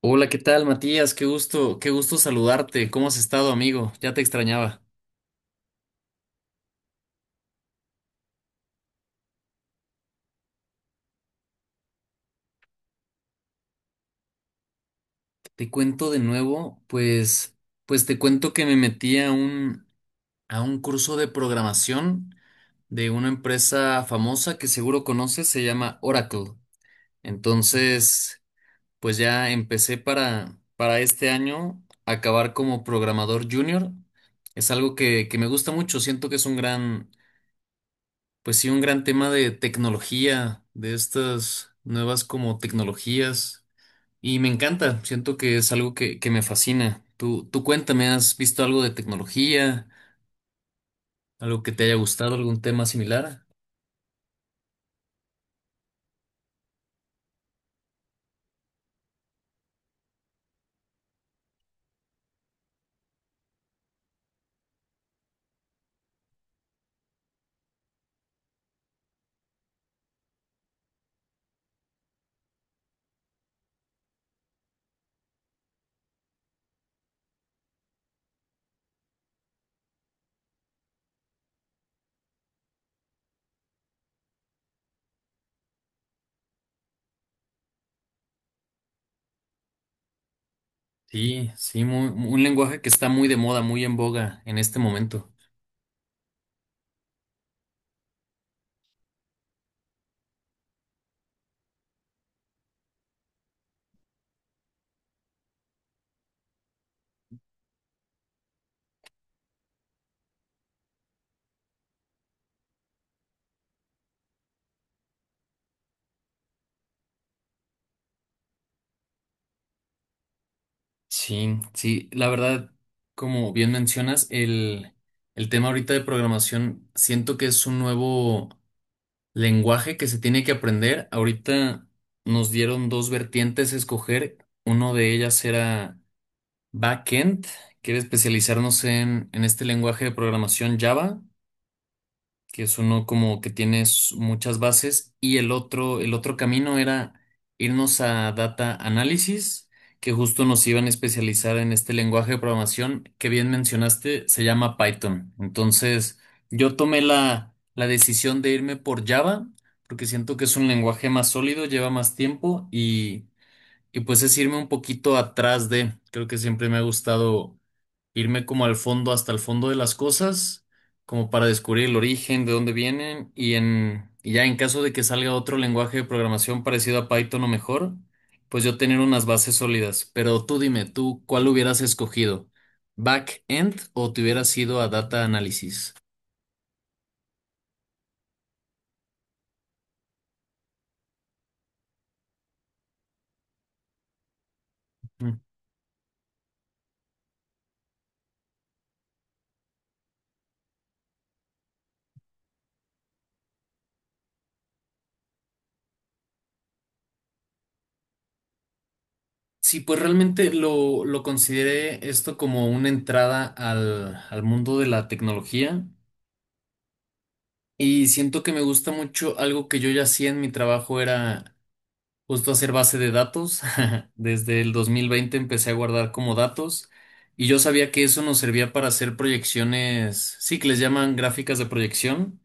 Hola, ¿qué tal, Matías? Qué gusto saludarte. ¿Cómo has estado, amigo? Ya te extrañaba. Te cuento de nuevo, pues te cuento que me metí a un, curso de programación de una empresa famosa que seguro conoces, se llama Oracle. Entonces, pues ya empecé para este año a acabar como programador junior. Es algo que me gusta mucho, siento que es un gran, pues sí, un gran tema de tecnología, de estas nuevas como tecnologías. Y me encanta, siento que es algo que me fascina. Tú cuéntame, ¿has visto algo de tecnología? ¿Algo que te haya gustado? ¿Algún tema similar? Sí, sí, un lenguaje que está muy de moda, muy en boga en este momento. Sí, sí, la verdad, como bien mencionas, el, tema ahorita de programación, siento que es un nuevo lenguaje que se tiene que aprender. Ahorita nos dieron dos vertientes a escoger. Uno de ellas era backend, que era especializarnos en, este lenguaje de programación Java, que es uno como que tienes muchas bases, y el otro camino era irnos a data análisis, que justo nos iban a especializar en este lenguaje de programación que bien mencionaste, se llama Python. Entonces, yo tomé la decisión de irme por Java, porque siento que es un lenguaje más sólido, lleva más tiempo, y pues es irme un poquito atrás de, creo que siempre me ha gustado irme como al fondo, hasta el fondo de las cosas, como para descubrir el origen, de dónde vienen, y ya, en caso de que salga otro lenguaje de programación parecido a Python o mejor, pues yo tener unas bases sólidas. Pero tú dime, ¿tú cuál hubieras escogido? ¿Back-end o te hubieras ido a data análisis? Mm. Sí, pues realmente lo, consideré esto como una entrada al mundo de la tecnología, y siento que me gusta mucho algo que yo ya hacía en mi trabajo, era justo hacer base de datos. Desde el 2020 empecé a guardar como datos, y yo sabía que eso nos servía para hacer proyecciones, sí, que les llaman gráficas de proyección.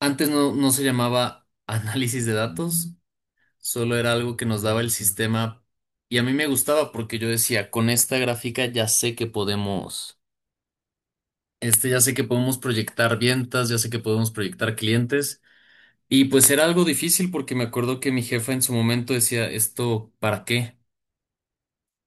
Antes no, no se llamaba análisis de datos, solo era algo que nos daba el sistema, y a mí me gustaba porque yo decía, con esta gráfica ya sé que podemos, ya sé que podemos proyectar ventas, ya sé que podemos proyectar clientes. Y pues era algo difícil, porque me acuerdo que mi jefa en su momento decía, ¿esto para qué?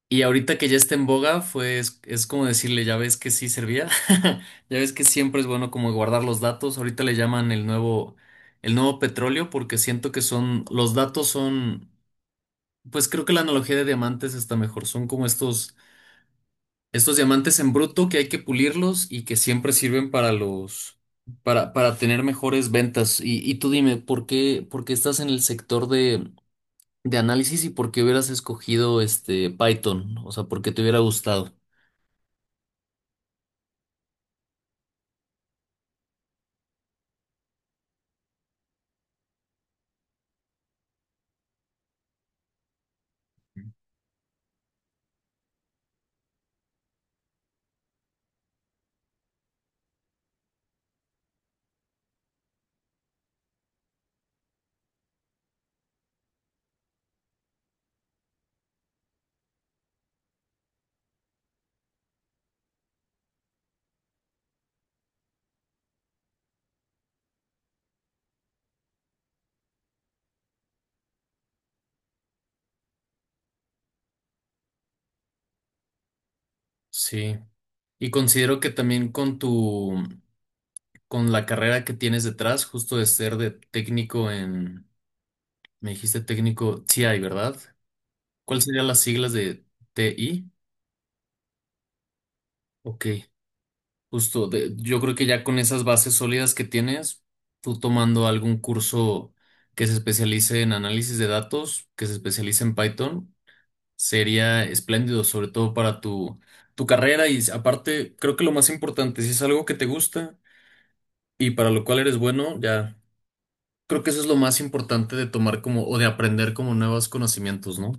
Y ahorita que ya está en boga, es como decirle, ya ves que sí servía, ya ves que siempre es bueno como guardar los datos, ahorita le llaman el nuevo, petróleo, porque siento que son, los datos pues creo que la analogía de diamantes está mejor, son como estos diamantes en bruto que hay que pulirlos y que siempre sirven para los, para tener mejores ventas. Y tú dime, ¿por qué, estás en el sector de análisis y por qué hubieras escogido este Python? O sea, ¿por qué te hubiera gustado? Sí, y considero que también con tu, con la carrera que tienes detrás, justo de ser de técnico en, me dijiste técnico TI, ¿verdad? ¿Cuáles serían las siglas de TI? Ok, justo, yo creo que ya con esas bases sólidas que tienes, tú tomando algún curso que se especialice en análisis de datos, que se especialice en Python, sería espléndido, sobre todo para tu, carrera, y aparte, creo que lo más importante, si es algo que te gusta y para lo cual eres bueno, ya. Creo que eso es lo más importante de tomar como, o de aprender como, nuevos conocimientos, ¿no?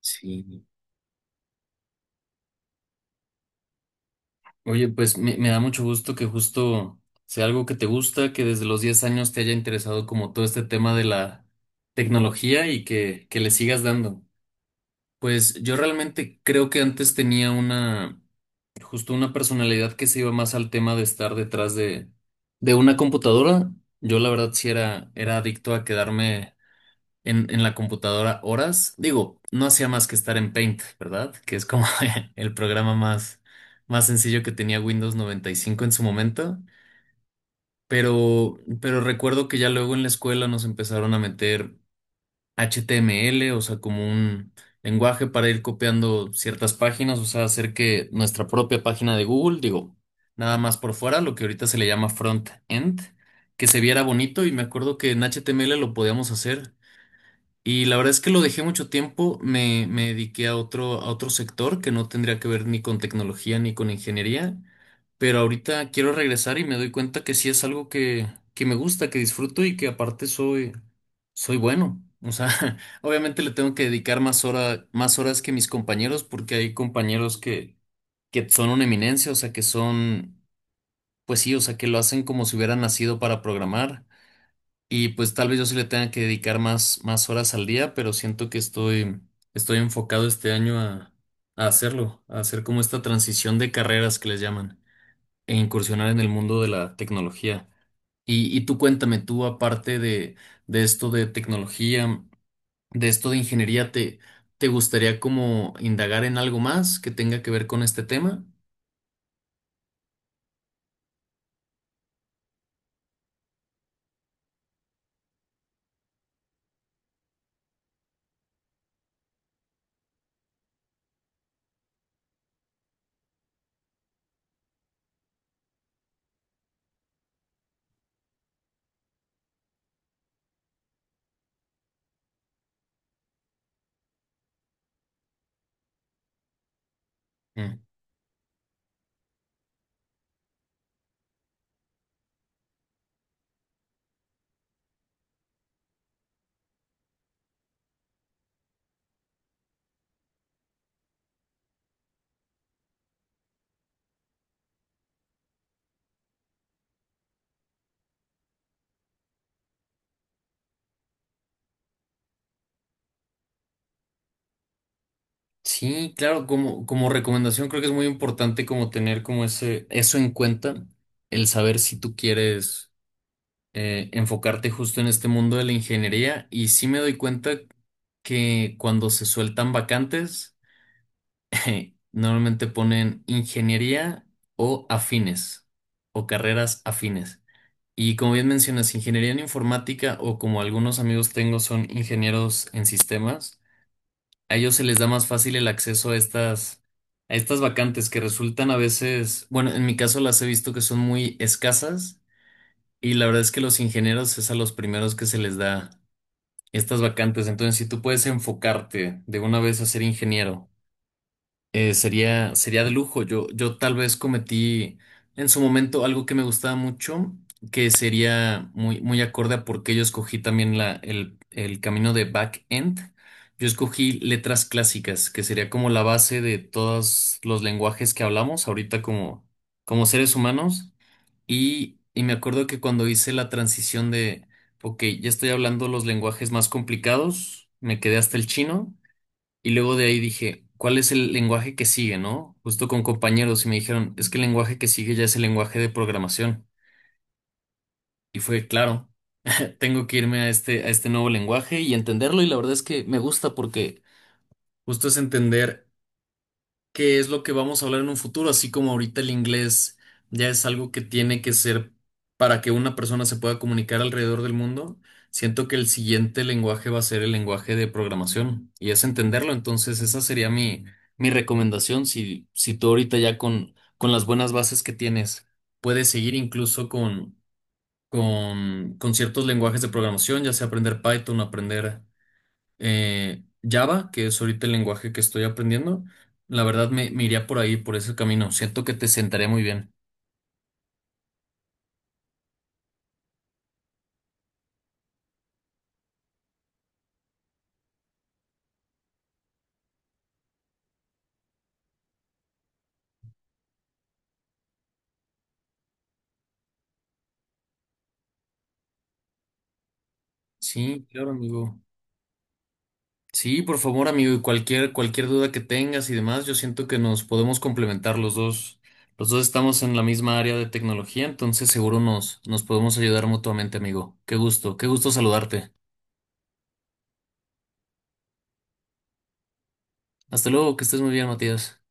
Sí. Oye, pues me, da mucho gusto que justo sea algo que te gusta, que desde los 10 años te haya interesado como todo este tema de la tecnología, y que, le sigas dando. Pues yo realmente creo que antes tenía una, justo una personalidad que se iba más al tema de estar detrás de, una computadora. Yo la verdad sí era, adicto a quedarme en la computadora horas. Digo, no hacía más que estar en Paint, ¿verdad? Que es como el programa más sencillo que tenía Windows 95 en su momento. Pero recuerdo que ya luego en la escuela nos empezaron a meter HTML, o sea, como un lenguaje para ir copiando ciertas páginas, o sea, hacer que nuestra propia página de Google, digo, nada más por fuera, lo que ahorita se le llama front-end, que se viera bonito, y me acuerdo que en HTML lo podíamos hacer. Y la verdad es que lo dejé mucho tiempo, me, dediqué a otro sector que no tendría que ver ni con tecnología ni con ingeniería, pero ahorita quiero regresar y me doy cuenta que sí es algo que, me gusta, que disfruto, y que aparte soy bueno. O sea, obviamente le tengo que dedicar más horas que mis compañeros, porque hay compañeros que son una eminencia, o sea, pues sí, o sea, que lo hacen como si hubieran nacido para programar. Y pues tal vez yo sí le tenga que dedicar más, horas al día, pero siento que estoy, enfocado este año a hacerlo, a hacer como esta transición de carreras que les llaman, e incursionar en el mundo de la tecnología. Y tú cuéntame, tú aparte de, esto de tecnología, de esto de ingeniería, ¿te gustaría como indagar en algo más que tenga que ver con este tema? Mm. Sí, claro, como, recomendación, creo que es muy importante como tener como eso en cuenta, el saber si tú quieres enfocarte justo en este mundo de la ingeniería, y sí me doy cuenta que cuando se sueltan vacantes, normalmente ponen ingeniería o afines, o carreras afines. Y como bien mencionas, ingeniería en informática, o como algunos amigos tengo son ingenieros en sistemas, a ellos se les da más fácil el acceso a estas, vacantes, que resultan a veces, bueno, en mi caso las he visto que son muy escasas, y la verdad es que los ingenieros es a los primeros que se les da estas vacantes. Entonces, si tú puedes enfocarte de una vez a ser ingeniero, sería de lujo. Yo tal vez cometí en su momento algo que me gustaba mucho, que sería muy, muy acorde a por qué yo escogí también el camino de back-end. Yo escogí letras clásicas, que sería como la base de todos los lenguajes que hablamos ahorita como seres humanos. Y me acuerdo que cuando hice la transición de, ok, ya estoy hablando los lenguajes más complicados, me quedé hasta el chino. Y luego de ahí dije, ¿cuál es el lenguaje que sigue, no? Justo con compañeros, y me dijeron, es que el lenguaje que sigue ya es el lenguaje de programación. Y fue, claro, tengo que irme a este nuevo lenguaje, y entenderlo. Y la verdad es que me gusta porque justo es entender que es lo que vamos a hablar en un futuro, así como ahorita el inglés ya es algo que tiene que ser para que una persona se pueda comunicar alrededor del mundo. Siento que el siguiente lenguaje va a ser el lenguaje de programación, y es entenderlo. Entonces, esa sería mi, recomendación. Si tú ahorita ya con las buenas bases que tienes puedes seguir incluso con ciertos lenguajes de programación, ya sea aprender Python, aprender Java, que es ahorita el lenguaje que estoy aprendiendo, la verdad me, iría por ahí, por ese camino. Siento que te sentaré muy bien. Sí, claro, amigo. Sí, por favor, amigo, y cualquier duda que tengas y demás, yo siento que nos podemos complementar los dos. Los dos estamos en la misma área de tecnología, entonces seguro nos, podemos ayudar mutuamente, amigo. Qué gusto saludarte. Hasta luego, que estés muy bien, Matías.